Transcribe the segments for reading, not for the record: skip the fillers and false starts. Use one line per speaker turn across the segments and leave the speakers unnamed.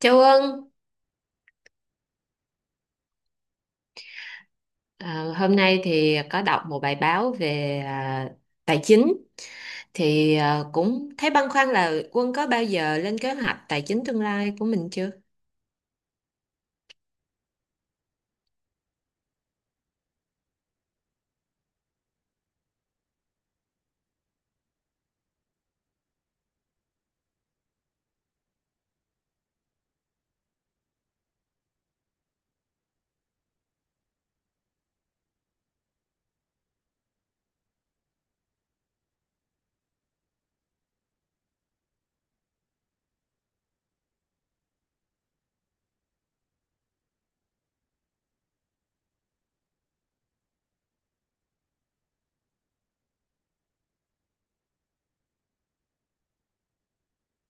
Châu Ân, hôm nay thì có đọc một bài báo về tài chính thì cũng thấy băn khoăn là Quân có bao giờ lên kế hoạch tài chính tương lai của mình chưa?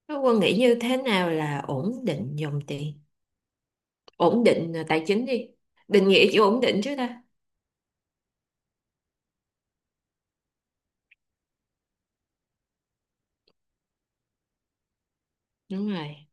Thế Quân nghĩ như thế nào là ổn định dòng tiền, ổn định tài chính đi. Định nghĩa chữ ổn định chứ ta. Đúng rồi.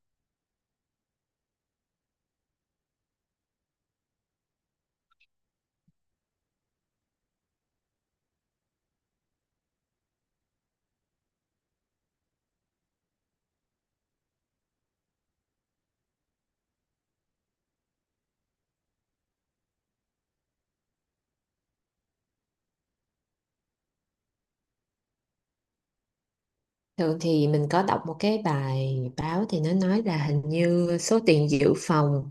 Thường thì mình có đọc một cái bài báo thì nó nói là hình như số tiền dự phòng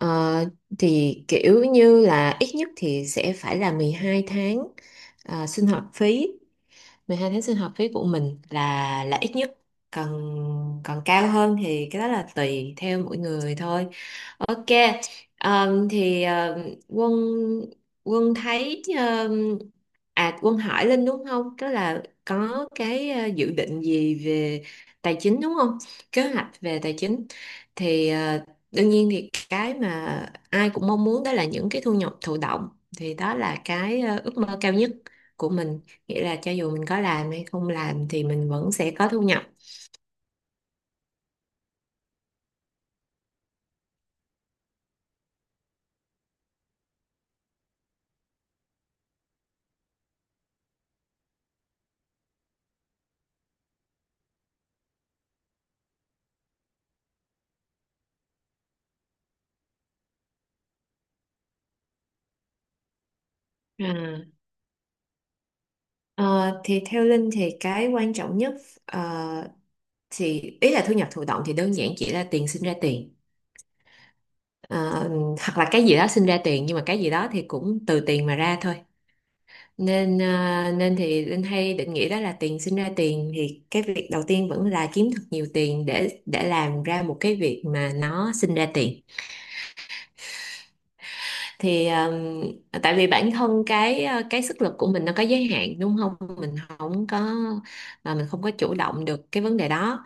Ờ, thì kiểu như là ít nhất thì sẽ phải là 12 tháng sinh hoạt phí. 12 tháng sinh hoạt phí của mình là ít nhất, còn còn cao hơn thì cái đó là tùy theo mỗi người thôi. Ok. Thì quân quân thấy Quân hỏi Linh đúng không, đó là có cái dự định gì về tài chính đúng không, kế hoạch về tài chính. Thì đương nhiên thì cái mà ai cũng mong muốn đó là những cái thu nhập thụ động, thì đó là cái ước mơ cao nhất của mình, nghĩa là cho dù mình có làm hay không làm thì mình vẫn sẽ có thu nhập. À. Ờ, thì theo Linh thì cái quan trọng nhất, ờ, thì ý là thu nhập thụ động thì đơn giản chỉ là tiền sinh ra tiền. Ờ, hoặc là cái gì đó sinh ra tiền nhưng mà cái gì đó thì cũng từ tiền mà ra thôi, nên ờ, nên thì Linh hay định nghĩa đó là tiền sinh ra tiền, thì cái việc đầu tiên vẫn là kiếm thật nhiều tiền để làm ra một cái việc mà nó sinh ra tiền. Thì tại vì bản thân cái sức lực của mình nó có giới hạn đúng không, mình không có chủ động được cái vấn đề đó.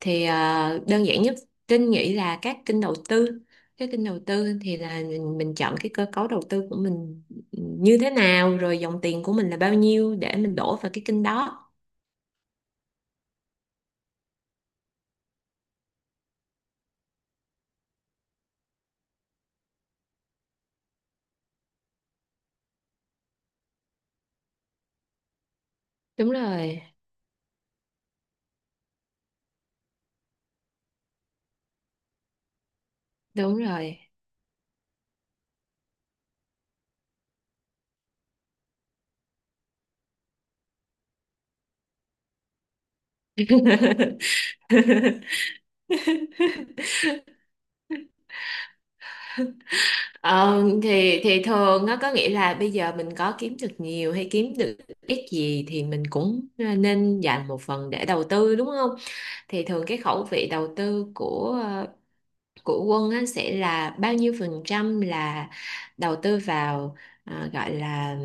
Thì đơn giản nhất Trinh nghĩ là các kênh đầu tư, cái kênh đầu tư thì là mình chọn cái cơ cấu đầu tư của mình như thế nào, rồi dòng tiền của mình là bao nhiêu để mình đổ vào cái kênh đó. Đúng rồi. Đúng rồi. Ờ, thì thường nó có nghĩa là bây giờ mình có kiếm được nhiều hay kiếm được ít gì thì mình cũng nên dành một phần để đầu tư đúng không? Thì thường cái khẩu vị đầu tư của của Quân á, sẽ là bao nhiêu phần trăm là đầu tư vào gọi là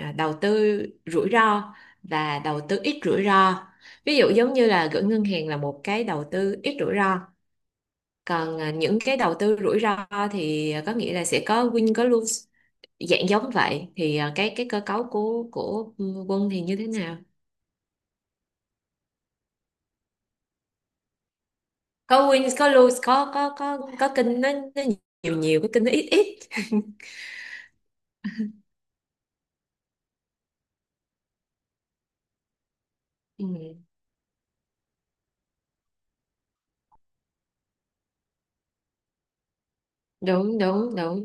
đầu tư rủi ro và đầu tư ít rủi ro. Ví dụ giống như là gửi ngân hàng là một cái đầu tư ít rủi ro, còn những cái đầu tư rủi ro thì có nghĩa là sẽ có win có lose, dạng giống vậy thì cái cơ cấu của Quân thì như thế nào? Có win có lose, có kinh nó nó nhiều, có kinh nó ít ít. Ừ, đúng đúng đúng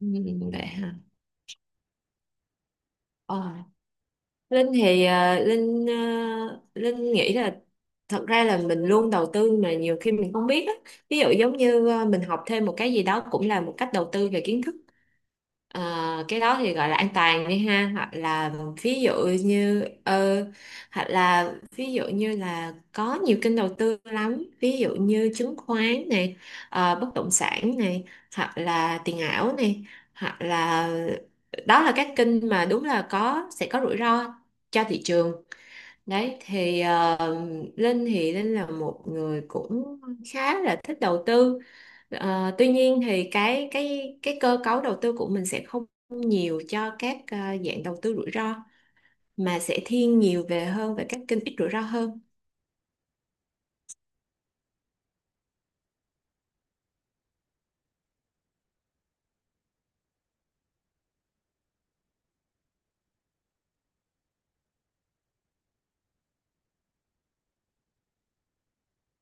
ừ, vậy hả. Ờ, Linh thì à, Linh nghĩ là thật ra là mình luôn đầu tư mà nhiều khi mình không biết á. Ví dụ giống như mình học thêm một cái gì đó cũng là một cách đầu tư về kiến thức. Ờ, cái đó thì gọi là an toàn đi ha, hoặc là ví dụ như ờ, hoặc là ví dụ như là có nhiều kênh đầu tư lắm, ví dụ như chứng khoán này, bất động sản này, hoặc là tiền ảo này, hoặc là đó là các kênh mà đúng là sẽ có rủi ro cho thị trường. Đấy thì Linh là một người cũng khá là thích đầu tư. Ờ, tuy nhiên thì cái cơ cấu đầu tư của mình sẽ không nhiều cho các dạng đầu tư rủi ro, mà sẽ thiên nhiều về hơn về các kênh ít rủi ro hơn.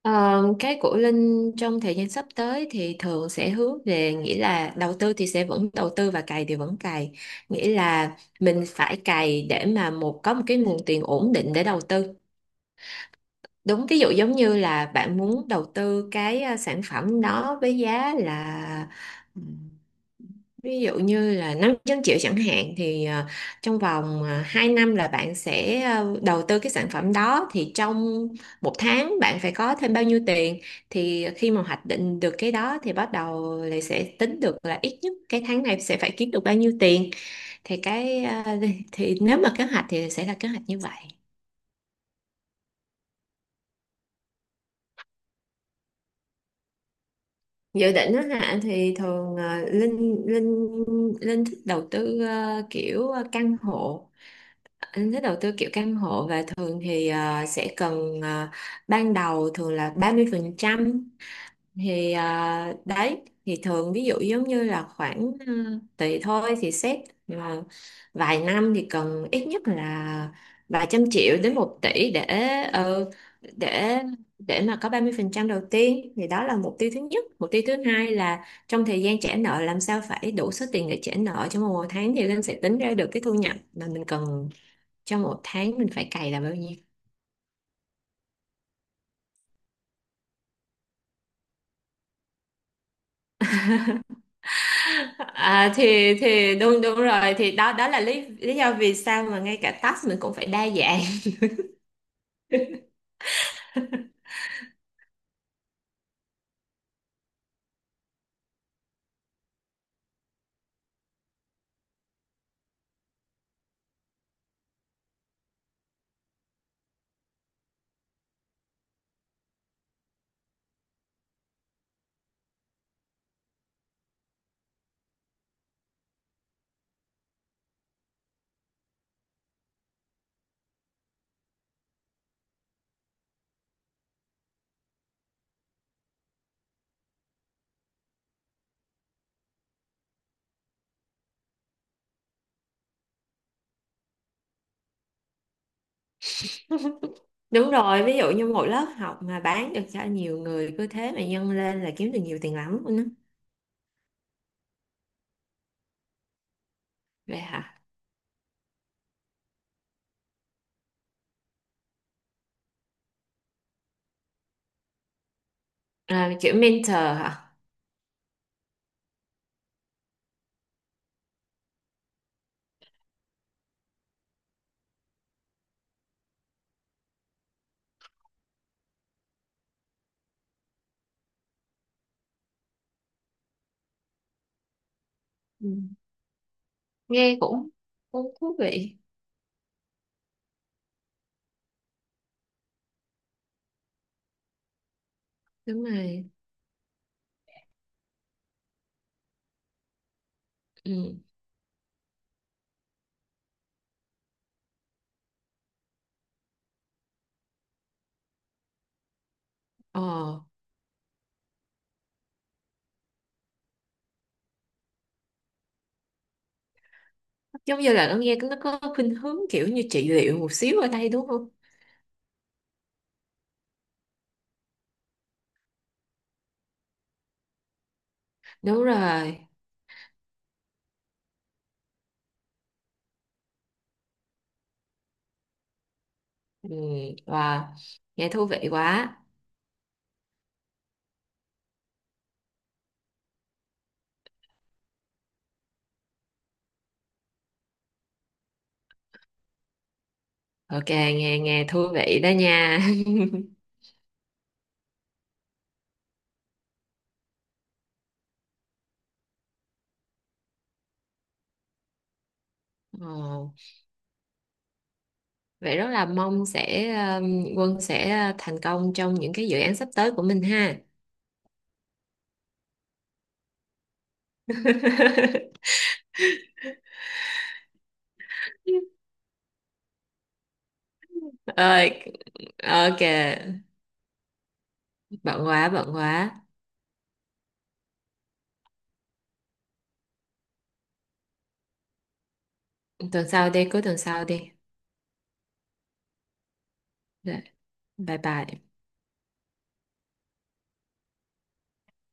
Ờ, cái của Linh trong thời gian sắp tới thì thường sẽ hướng về nghĩa là đầu tư thì sẽ vẫn đầu tư và cày thì vẫn cày. Nghĩa là mình phải cày để mà có một cái nguồn tiền ổn định để đầu tư. Đúng, ví dụ giống như là bạn muốn đầu tư cái sản phẩm đó với giá là ừm, ví dụ như là 500 triệu chẳng hạn, thì trong vòng 2 năm là bạn sẽ đầu tư cái sản phẩm đó, thì trong một tháng bạn phải có thêm bao nhiêu tiền. Thì khi mà hoạch định được cái đó thì bắt đầu lại sẽ tính được là ít nhất cái tháng này sẽ phải kiếm được bao nhiêu tiền. Thì cái thì nếu mà kế hoạch thì sẽ là kế hoạch như vậy. Dự định đó hả, thì thường ờ, linh linh linh thích đầu tư kiểu căn hộ. Linh thích đầu tư kiểu căn hộ, và thường thì sẽ cần ban đầu thường là 30%. Thì đấy, thì thường ví dụ giống như là khoảng tùy thôi thì xét mà vài năm thì cần ít nhất là vài trăm triệu đến một tỷ để ờ, để để mà có 30% đầu tiên, thì đó là mục tiêu thứ nhất. Mục tiêu thứ hai là trong thời gian trả nợ làm sao phải đủ số tiền để trả nợ trong một tháng, thì Linh sẽ tính ra được cái thu nhập mà mình cần trong một tháng mình phải cày là bao nhiêu. À, thì đúng đúng rồi, thì đó đó là lý lý do vì sao mà ngay cả task mình cũng phải đa dạng. Đúng rồi, ví dụ như một lớp học mà bán được cho nhiều người, cứ thế mà nhân lên là kiếm được nhiều tiền lắm luôn á. Vậy hả. À, kiểu mentor hả. Ừ. Nghe cũng cũng thú vị. Đúng rồi. Ừ. Ờ, giống như là nó nghe nó có khuynh hướng kiểu như trị liệu một xíu ở đây đúng không? Đúng rồi. Ừ. Wow, nghe thú vị quá. Ok, nghe nghe thú vị đó nha. Ồ, vậy rất là mong sẽ Quân sẽ thành công trong những cái dự án sắp tới của mình ha. Ơi, ok, bận quá. Cuối tuần sau đi. Rồi, bye bye.